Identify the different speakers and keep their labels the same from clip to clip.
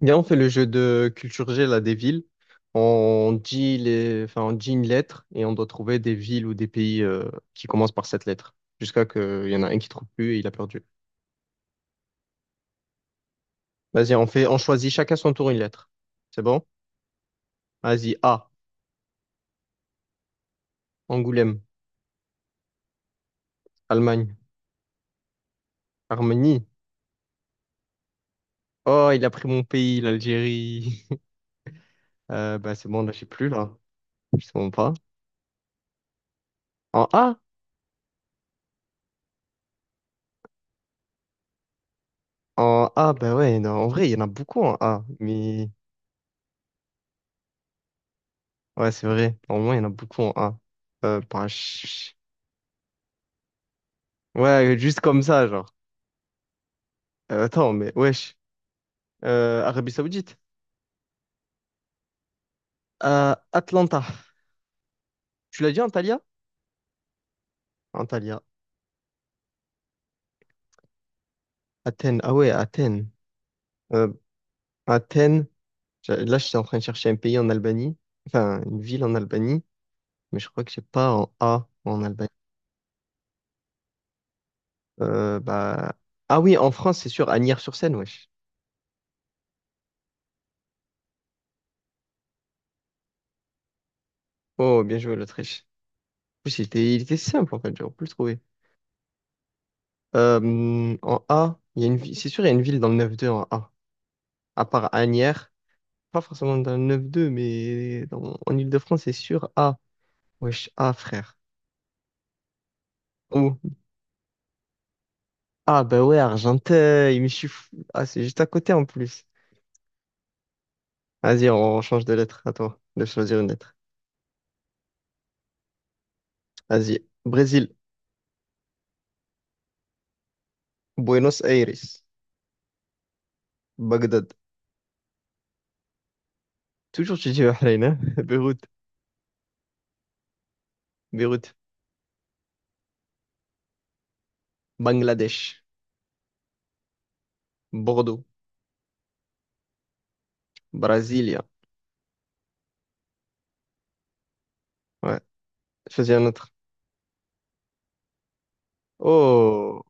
Speaker 1: Viens, on fait le jeu de culture G, là, des villes. On dit les, enfin, on dit une lettre et on doit trouver des villes ou des pays qui commencent par cette lettre. Jusqu'à qu'il y en a un qui trouve plus et il a perdu. Vas-y, on choisit chacun son tour une lettre. C'est bon? Vas-y, A, Angoulême, Allemagne, Arménie. Oh, il a pris mon pays, l'Algérie. C'est bon, là, j'ai plus, là. Je sais même pas. En A? En A, bah ouais, non, en vrai, il y en a beaucoup en A. Mais, ouais, c'est vrai. Au moins, il y en a beaucoup en A. Bah, je Ouais, juste comme ça, genre. Attends, mais wesh. Arabie Saoudite. À Atlanta. Tu l'as dit, Antalya? Antalya. Athènes. Ah ouais, Athènes. Euh, Athènes. Là, je suis en train de chercher un pays en Albanie. Enfin, une ville en Albanie. Mais je crois que j'ai pas en A en Albanie. Bah... Ah oui, en France, c'est sûr. Agnières-sur-Seine, wesh. Oh, bien joué, l'Autriche. En plus, il était simple, en fait. J'aurais pu le trouver. En A, il y a une ville. C'est sûr, il y a une ville dans le 9-2 en A. À part Agnières. Pas forcément dans le 9-2, mais dans- en Ile-de-France, c'est sûr. Ah, wesh, ah, frère. Ou, ah, bah ouais, Argenteuil, mais je suis fou. Ah, c'est juste à côté en plus. Vas-y, on change de lettre. À toi de choisir une lettre. Vas-y. Brésil, Buenos Aires, Bagdad. Toujours, tu dis Bahreïn, hein? Beyrouth, Beyrouth, Bangladesh, Bordeaux, Brasilia. Ouais, choisis un autre. Oh,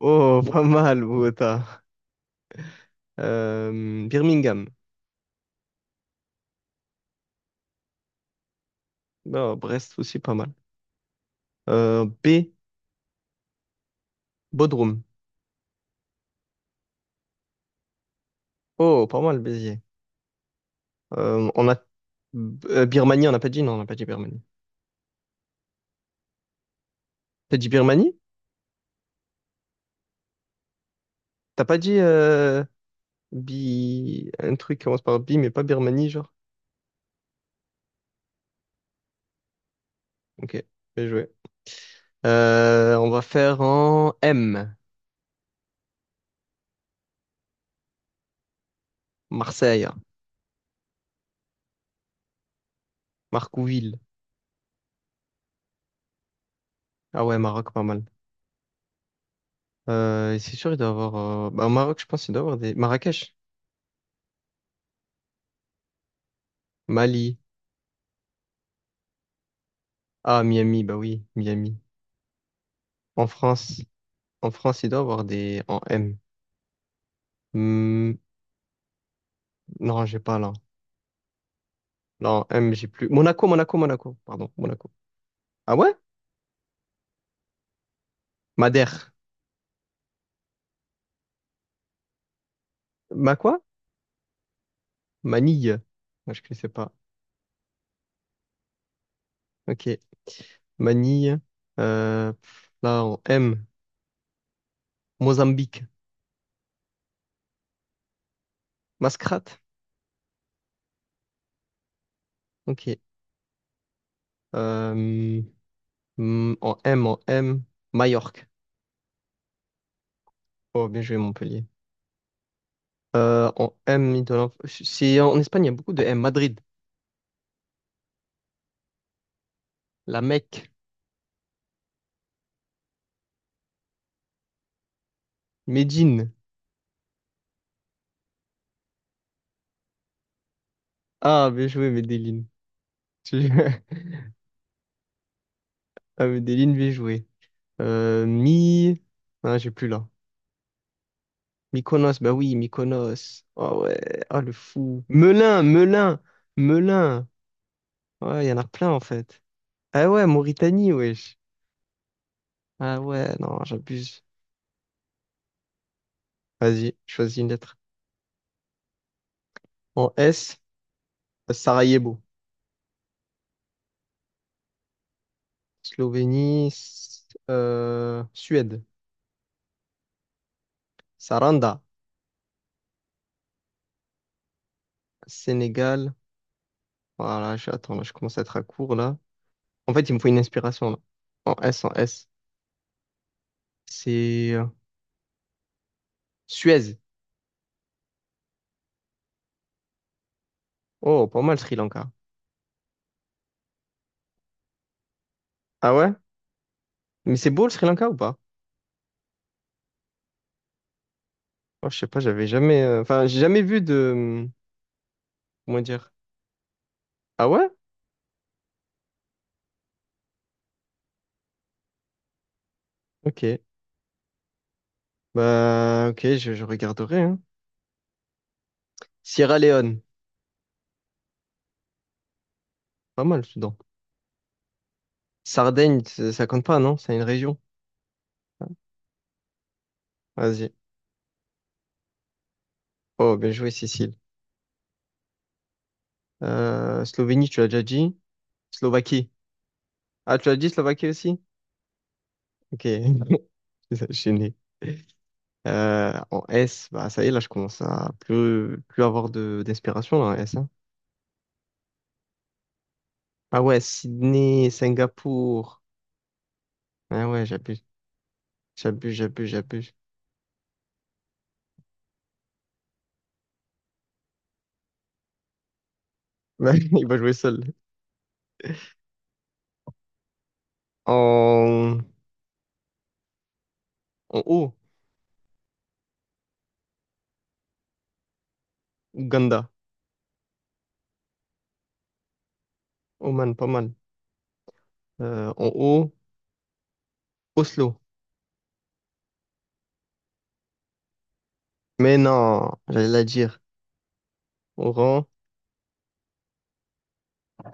Speaker 1: oh, pas mal, Bogota. Birmingham. Non, Brest aussi, pas mal. B. Bodrum. Oh, pas mal, Béziers. On a Birmanie, on n'a pas dit, non, on n'a pas dit Birmanie. T'as dit Birmanie? T'as pas dit Bi... un truc qui commence par Bi, mais pas Birmanie, genre? Ok, bien joué. On va faire en M, Marseille, Marcouville. Ah ouais, Maroc, pas mal. C'est sûr, il doit y avoir... Bah, au Maroc, je pense qu'il doit y avoir des... Marrakech, Mali. Ah, Miami, bah oui, Miami. En France, en France, il doit y avoir des... En M. Hmm, non, j'ai pas là. Non, M, j'ai plus. Monaco, Monaco, Monaco. Pardon, Monaco. Ah ouais? Madère. Ma quoi? Manille. Moi, je ne sais pas. Ok. Manille. Là, en M. Mozambique. Mascrate. Ok. Euh, en M. Majorque. Oh, bien joué, Montpellier. En M, c'est en Espagne, il y a beaucoup de M. Madrid. La Mecque. Médine. Ah, bien joué, Medellin. Ah, Medellin, bien joué. Mi. Ah, j'ai plus là. Mykonos, bah oui, Mykonos. Oh ouais, ah le fou. Melun. Ouais, il y en a plein en fait. Ah ouais, Mauritanie, wesh. Ah ouais, non, j'abuse. Vas-y, choisis une lettre. En S, Sarajevo. Suède. Saranda, Sénégal. Attends, là, je commence à être à court là. En fait, il me faut une inspiration là. En S. C'est Suez. Oh, pas mal Sri Lanka. Ah ouais? Mais c'est beau le Sri Lanka ou pas? Oh, je sais pas, j'avais jamais, enfin, j'ai jamais vu de, comment dire. Ah ouais? Ok. Bah, ok, je regarderai, hein. Sierra Leone, pas mal, Soudan. Sardaigne, ça compte pas, non? C'est une région. Vas-y. Oh, bien joué, Cécile. Slovénie, tu l'as déjà dit. Slovaquie. Ah, tu l'as dit Slovaquie aussi? Ok. Gêné. En S, bah, ça y est, là, je commence à plus avoir d'inspiration, là, en S, hein. Ah ouais, Sydney, Singapour. Ah ouais, j'abuse. Mais il va jouer seul. En, en haut, Ouganda. Oman, pas mal. En haut, Oslo. Mais non, j'allais la dire. Oran.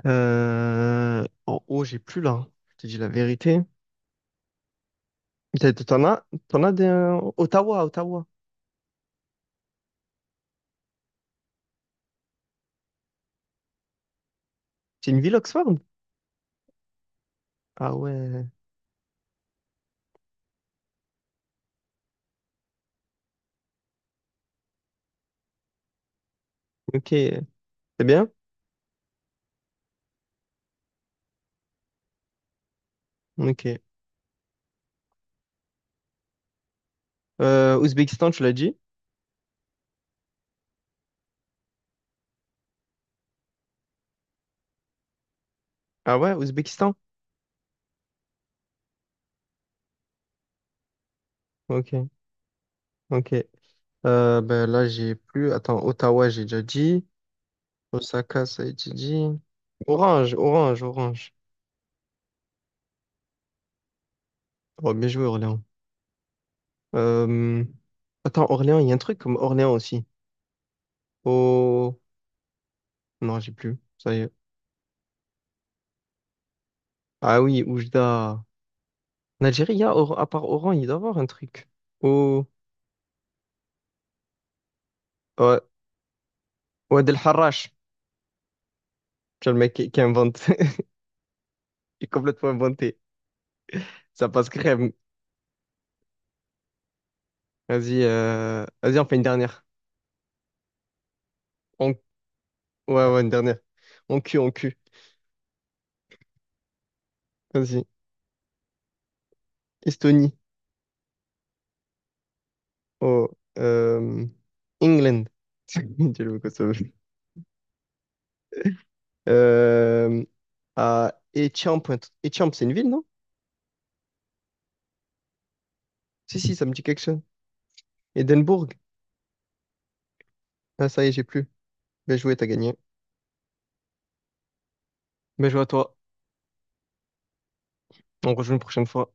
Speaker 1: En haut, j'ai plus là. Hein. Je te dis la vérité. T'en as des... Ottawa. C'est une ville Oxford? Ah ouais. Ok. C'est bien? Ok. Ouzbékistan, tu l'as dit? Ah ouais, Ouzbékistan? Ok. Ok. Ben là, j'ai plus. Attends, Ottawa, j'ai déjà dit. Osaka, ça a été dit. Orange. Oh, bien joué, Orléans. Euh, Attends, Orléans, il y a un truc comme Orléans aussi. Oh, non, j'ai plus. Ça y est. Ah oui, Oujda. En Algérie, il y a, Or- à part Oran, il doit y avoir un truc. Oh, ouais. Ouad El Harrach. Tu vois, le mec qui invente. Il est complètement inventé. Ça passe crème. Vas-y, on fait une dernière. On, ouais, ouais, une dernière. En cul, en cul. Vas-y. Estonie. Oh, euh, England. Diallo Kosovo. Euh, à Étiamp. Étiamp, c'est une ville, non? Si, si, ça me dit quelque chose. Édimbourg. Ah, ça y est, j'ai plus. Bien joué, t'as gagné. Bien joué à toi. On rejoue une prochaine fois.